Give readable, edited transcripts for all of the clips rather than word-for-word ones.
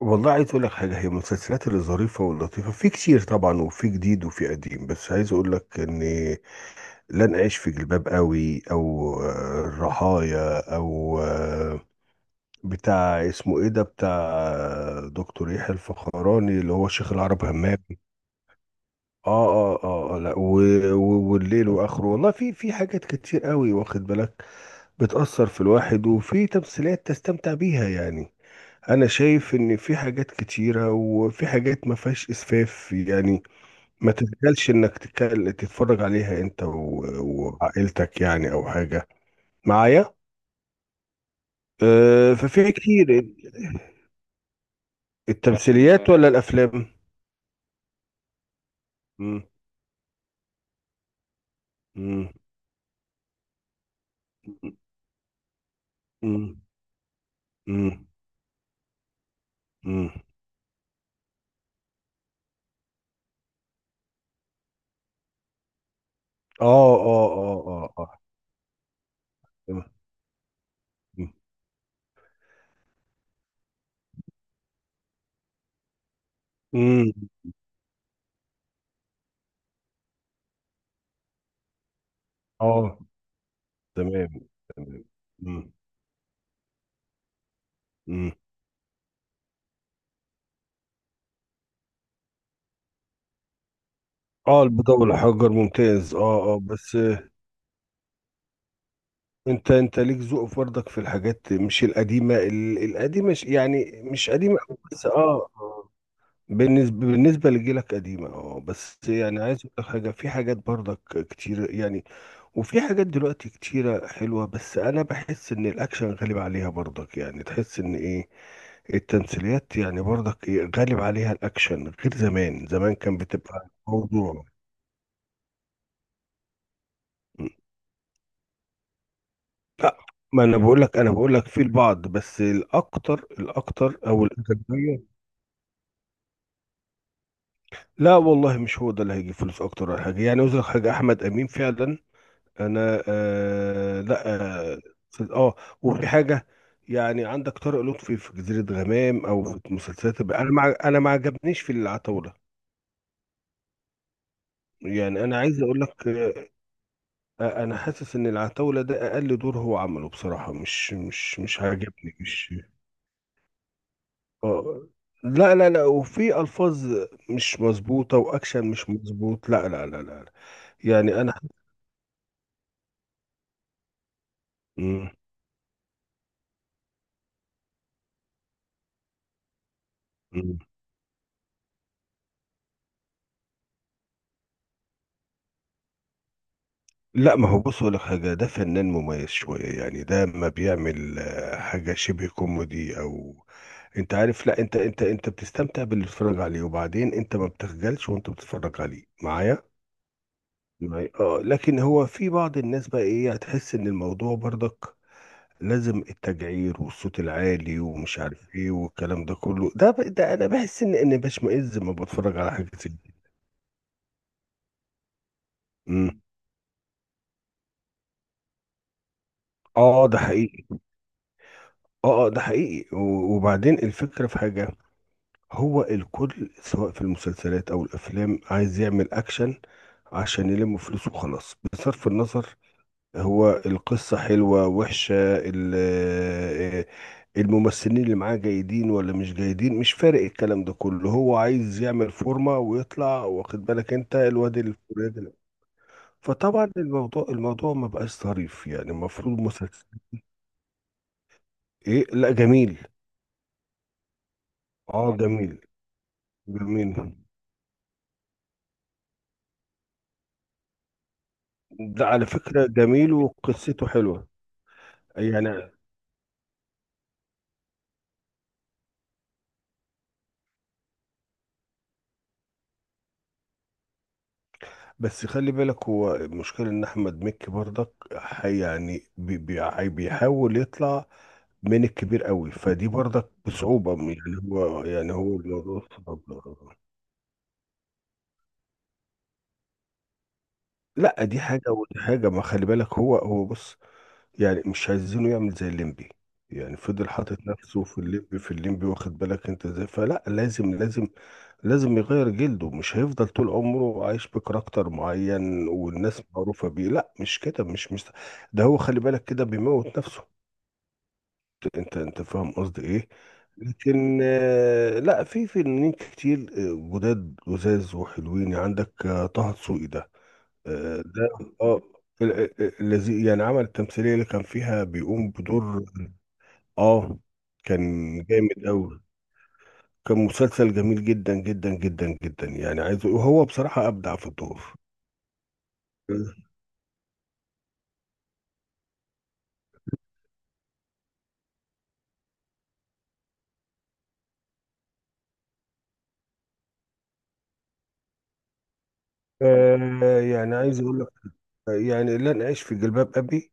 والله، عايز اقول لك حاجه. هي المسلسلات اللي ظريفه واللطيفه في كتير طبعا، وفي جديد وفي قديم، بس عايز اقول لك ان لن اعيش في جلباب قوي، او الرحايا، او بتاع اسمه ايه ده، بتاع دكتور يحيى الفخراني اللي هو شيخ العرب همام. اه اه اه، لا. والليل واخره، والله في حاجات كتير قوي، واخد بالك. بتأثر في الواحد، وفي تمثيلات تستمتع بيها يعني. انا شايف ان في حاجات كتيرة، وفي حاجات ما فيهاش اسفاف يعني. ما تتقالش انك تتفرج عليها انت وعائلتك يعني، او حاجة. معايا. ففي كتير. التمثيليات ولا الافلام؟ مم. مم. مم. مم. مم. اه اه اه اه اه. تمام. مم. مم. اه. تمام. تمام. مم. مم. اه، البيضة والحجر ممتاز. اه بس. انت ليك ذوق برضك في الحاجات، مش القديمه، القديمه يعني، مش قديمه أوي، بس. بالنسبه لجيلك قديمه. اه بس يعني، عايز اقول لك حاجه، في حاجات برضك كتير يعني. وفي حاجات دلوقتي كتيره حلوه، بس انا بحس ان الاكشن غالب عليها برضك. يعني تحس ان ايه، التمثيليات يعني برضك، ايه غالب عليها الاكشن غير زمان. زمان كان بتبقى موضوع. لا، ما انا بقول لك في البعض، بس الاكتر، الاكتر او الاغلبيه. لا والله، مش هو ده اللي هيجيب فلوس اكتر ولا حاجه يعني. عاوز لك حاجه، احمد امين فعلا، انا لا. اه. آه، وفي حاجه يعني. عندك طارق لطفي في جزيره غمام، او في مسلسلات انا ما عجبنيش في العتاوله. يعني انا عايز اقول لك، انا حاسس ان العتاوله ده اقل دور هو عمله بصراحه. مش عاجبني مش اه، لا لا لا، وفي الفاظ مش مظبوطه، واكشن مش مظبوط. لا لا لا لا لا. يعني انا. مم. مم. لا، ما هو، بص اقول لك حاجه، ده فنان مميز شويه، يعني ده ما بيعمل حاجه شبه كوميدي، او انت عارف. لا، انت انت بتستمتع باللي بتتفرج عليه، وبعدين انت ما بتخجلش وانت بتتفرج عليه معايا. معايا، اه. لكن هو في بعض الناس بقى ايه، هتحس ان الموضوع برضك لازم التجعير والصوت العالي ومش عارف ايه، والكلام ده كله ده انا بحس ان اني بشمئز لما بتفرج على حاجه زي دي. امم اه، ده حقيقي. اه اه، ده حقيقي. وبعدين الفكره في حاجه. هو الكل، سواء في المسلسلات او الافلام، عايز يعمل اكشن عشان يلم فلوس وخلاص، بصرف النظر هو القصة حلوة وحشة، الممثلين اللي معاه جيدين ولا مش جيدين، مش فارق. الكلام ده كله، هو عايز يعمل فورمة ويطلع، واخد بالك، انت الواد الفلاني. فطبعا الموضوع، ما بقاش ظريف، يعني المفروض مسلسل. ايه، لا، جميل. اه، جميل. جميل ده على فكرة، جميل وقصته حلوة. يعني بس خلي بالك، هو المشكلة ان احمد مكي برضك، بيحاول يطلع من الكبير قوي، فدي برضك بصعوبة. يعني هو، الموضوع صعب. لا، دي حاجة ودي حاجة، ما خلي بالك، هو، بص. يعني مش عايزينه يعمل زي الليمبي. يعني فضل حاطط نفسه في الليمبي، في الليمبي، واخد بالك انت ازاي. فلا لازم، لازم، لازم يغير جلده، مش هيفضل طول عمره عايش بكاركتر معين والناس معروفة بيه. لا، مش كده، مش. ده هو، خلي بالك كده بيموت نفسه. انت، فاهم قصدي ايه. لكن لا، في فنانين كتير جداد، لذاذ وحلوين. عندك طه دسوقي ده. آه، ده اه ال- الذي يعني عمل التمثيلية اللي كان فيها بيقوم بدور. اه. كان جامد قوي. كان مسلسل جميل جدا جدا جدا جدا، يعني عايز، وهو بصراحة أبدع في الدور. يعني عايز اقول لك، يعني لن اعيش في جلباب ابي،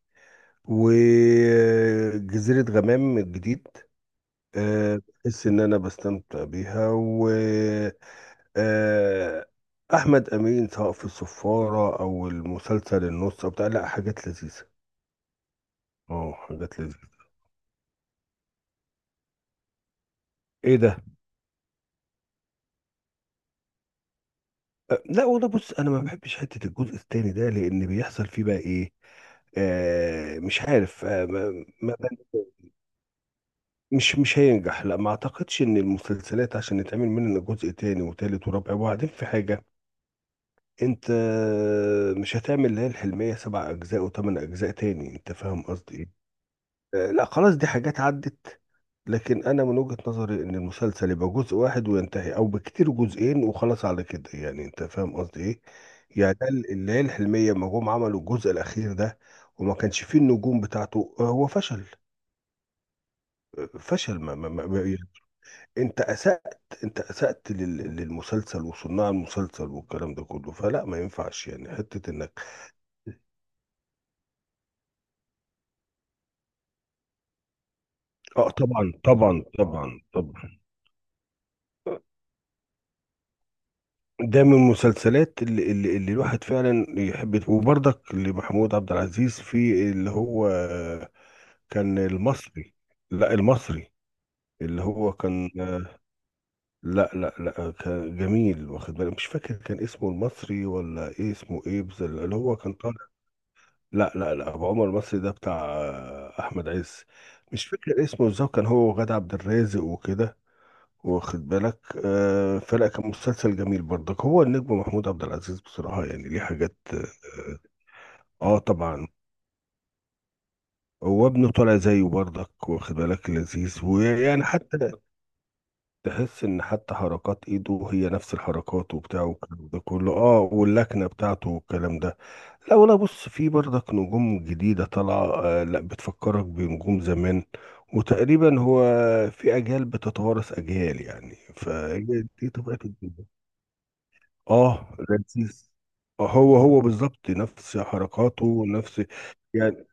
وجزيرة غمام الجديد. بحس ان انا بستمتع بيها، و آه، احمد امين، سواء في الصفاره او المسلسل النص او بتاع. لا، حاجات لذيذه. اه، حاجات لذيذه. ايه ده؟ لا والله، بص، انا ما بحبش حته الجزء الثاني ده، لان بيحصل فيه بقى ايه، مش عارف. ما. مش هينجح. لا، ما اعتقدش ان المسلسلات عشان يتعمل منها جزء تاني وتالت ورابع. وبعدين في حاجه، انت مش هتعمل اللي هي الحلمية سبع اجزاء وثمان اجزاء تاني. انت فاهم قصدي ايه. لا، خلاص، دي حاجات عدت. لكن انا من وجهة نظري ان المسلسل يبقى جزء واحد وينتهي، او بكتير جزئين، وخلاص على كده يعني. انت فاهم قصدي ايه. يعني ده، اللي هي الحلمية، ما جم عملوا الجزء الاخير ده وما كانش فيه النجوم بتاعته، هو فشل. فشل. يعني. انت اسأت، للمسلسل وصناع المسلسل، والكلام ده كله. فلا ما ينفعش يعني حتة ان. اه، طبعا طبعا طبعا طبعا. ده من المسلسلات اللي الواحد فعلا يحب. وبرضك لمحمود عبد العزيز في اللي هو كان المصري. لا، المصري، اللي هو كان. لا لا لا، كان جميل، واخد بالك، مش فاكر، كان اسمه المصري ولا ايه اسمه ايه، بس اللي هو كان طالع. لا لا لا، ابو عمر المصري ده بتاع احمد عز. مش فاكر اسمه ازاي، كان هو وغادة عبد الرازق وكده، واخد بالك. فلا كان مسلسل جميل برضك. هو النجم محمود عبد العزيز، بصراحة يعني ليه حاجات. طبعا. هو ابنه طالع زيه برضك، واخد بالك، لذيذ. ويعني حتى تحس ان حتى حركات ايده هي نفس الحركات وبتاع، والكلام ده كله. اه، واللكنة بتاعته والكلام ده. لا، ولا بص، في برضك نجوم جديدة طالعة. لا، بتفكرك بنجوم زمان. وتقريبا هو في اجيال بتتوارث اجيال، يعني فدي طبيعة الدنيا. اه، لذيذ. هو هو بالظبط، نفس حركاته، نفس. يعني،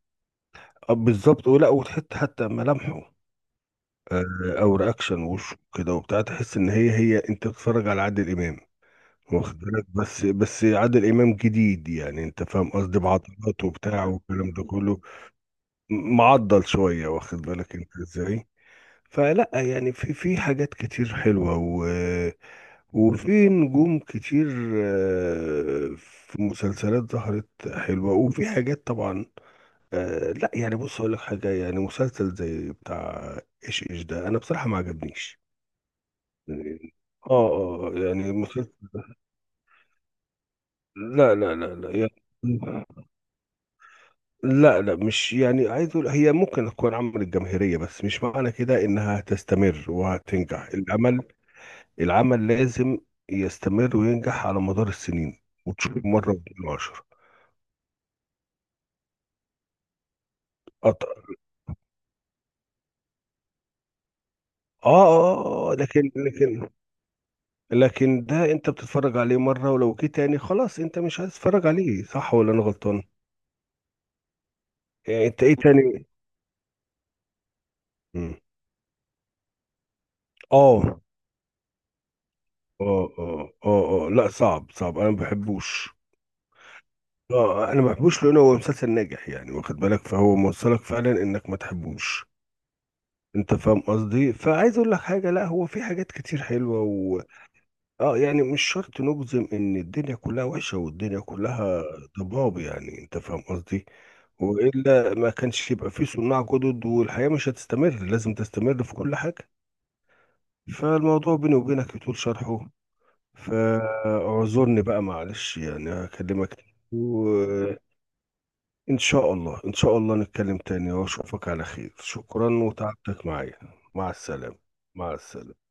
بالظبط. ولا، وتحط حتى ملامحه، آه، او رياكشن وشه كده وبتاع، تحس ان هي هي، انت بتتفرج على عادل امام. واخد بالك، بس، عادل امام جديد يعني. انت فاهم قصدي، بعضلاته وبتاع والكلام ده كله. معضل شويه، واخد بالك انت ازاي. فلا يعني في حاجات كتير حلوه، وفي نجوم كتير. في مسلسلات ظهرت حلوة، وفي حاجات طبعا. لا يعني، بص أقول لك حاجة، يعني مسلسل زي بتاع إيش ده، أنا بصراحة ما عجبنيش. يعني مسلسل. لا لا لا لا يعني. لا لا، مش يعني، عايز أقول هي ممكن تكون عملت جماهيرية، بس مش معنى كده إنها هتستمر وهتنجح. العمل، العمل لازم يستمر وينجح على مدار السنين، وتشوف مرة واتنين وعشرة. اه اه، لكن، ده انت بتتفرج عليه مرة، ولو جه تاني خلاص انت مش عايز تتفرج عليه، صح ولا انا غلطان. يعني انت ايه تاني. مم. اه اه اه اه اه، لا صعب، صعب، انا ما بحبوش. اه، انا ما بحبوش لانه هو مسلسل ناجح يعني، واخد بالك، فهو موصلك فعلا انك ما تحبوش. انت فاهم قصدي. فعايز اقول لك حاجه، لا، هو في حاجات كتير حلوه اه يعني، مش شرط نجزم ان الدنيا كلها وحشه، والدنيا كلها ضباب، يعني انت فاهم قصدي. والا ما كانش يبقى فيه صناع جدد، والحياه مش هتستمر، لازم تستمر في كل حاجه. فالموضوع بيني وبينك يطول شرحه، فاعذرني بقى، معلش يعني، هكلمك. وان شاء الله، ان شاء الله نتكلم تاني، واشوفك على خير. شكرا، وتعبتك معايا. مع السلامه. مع السلامه.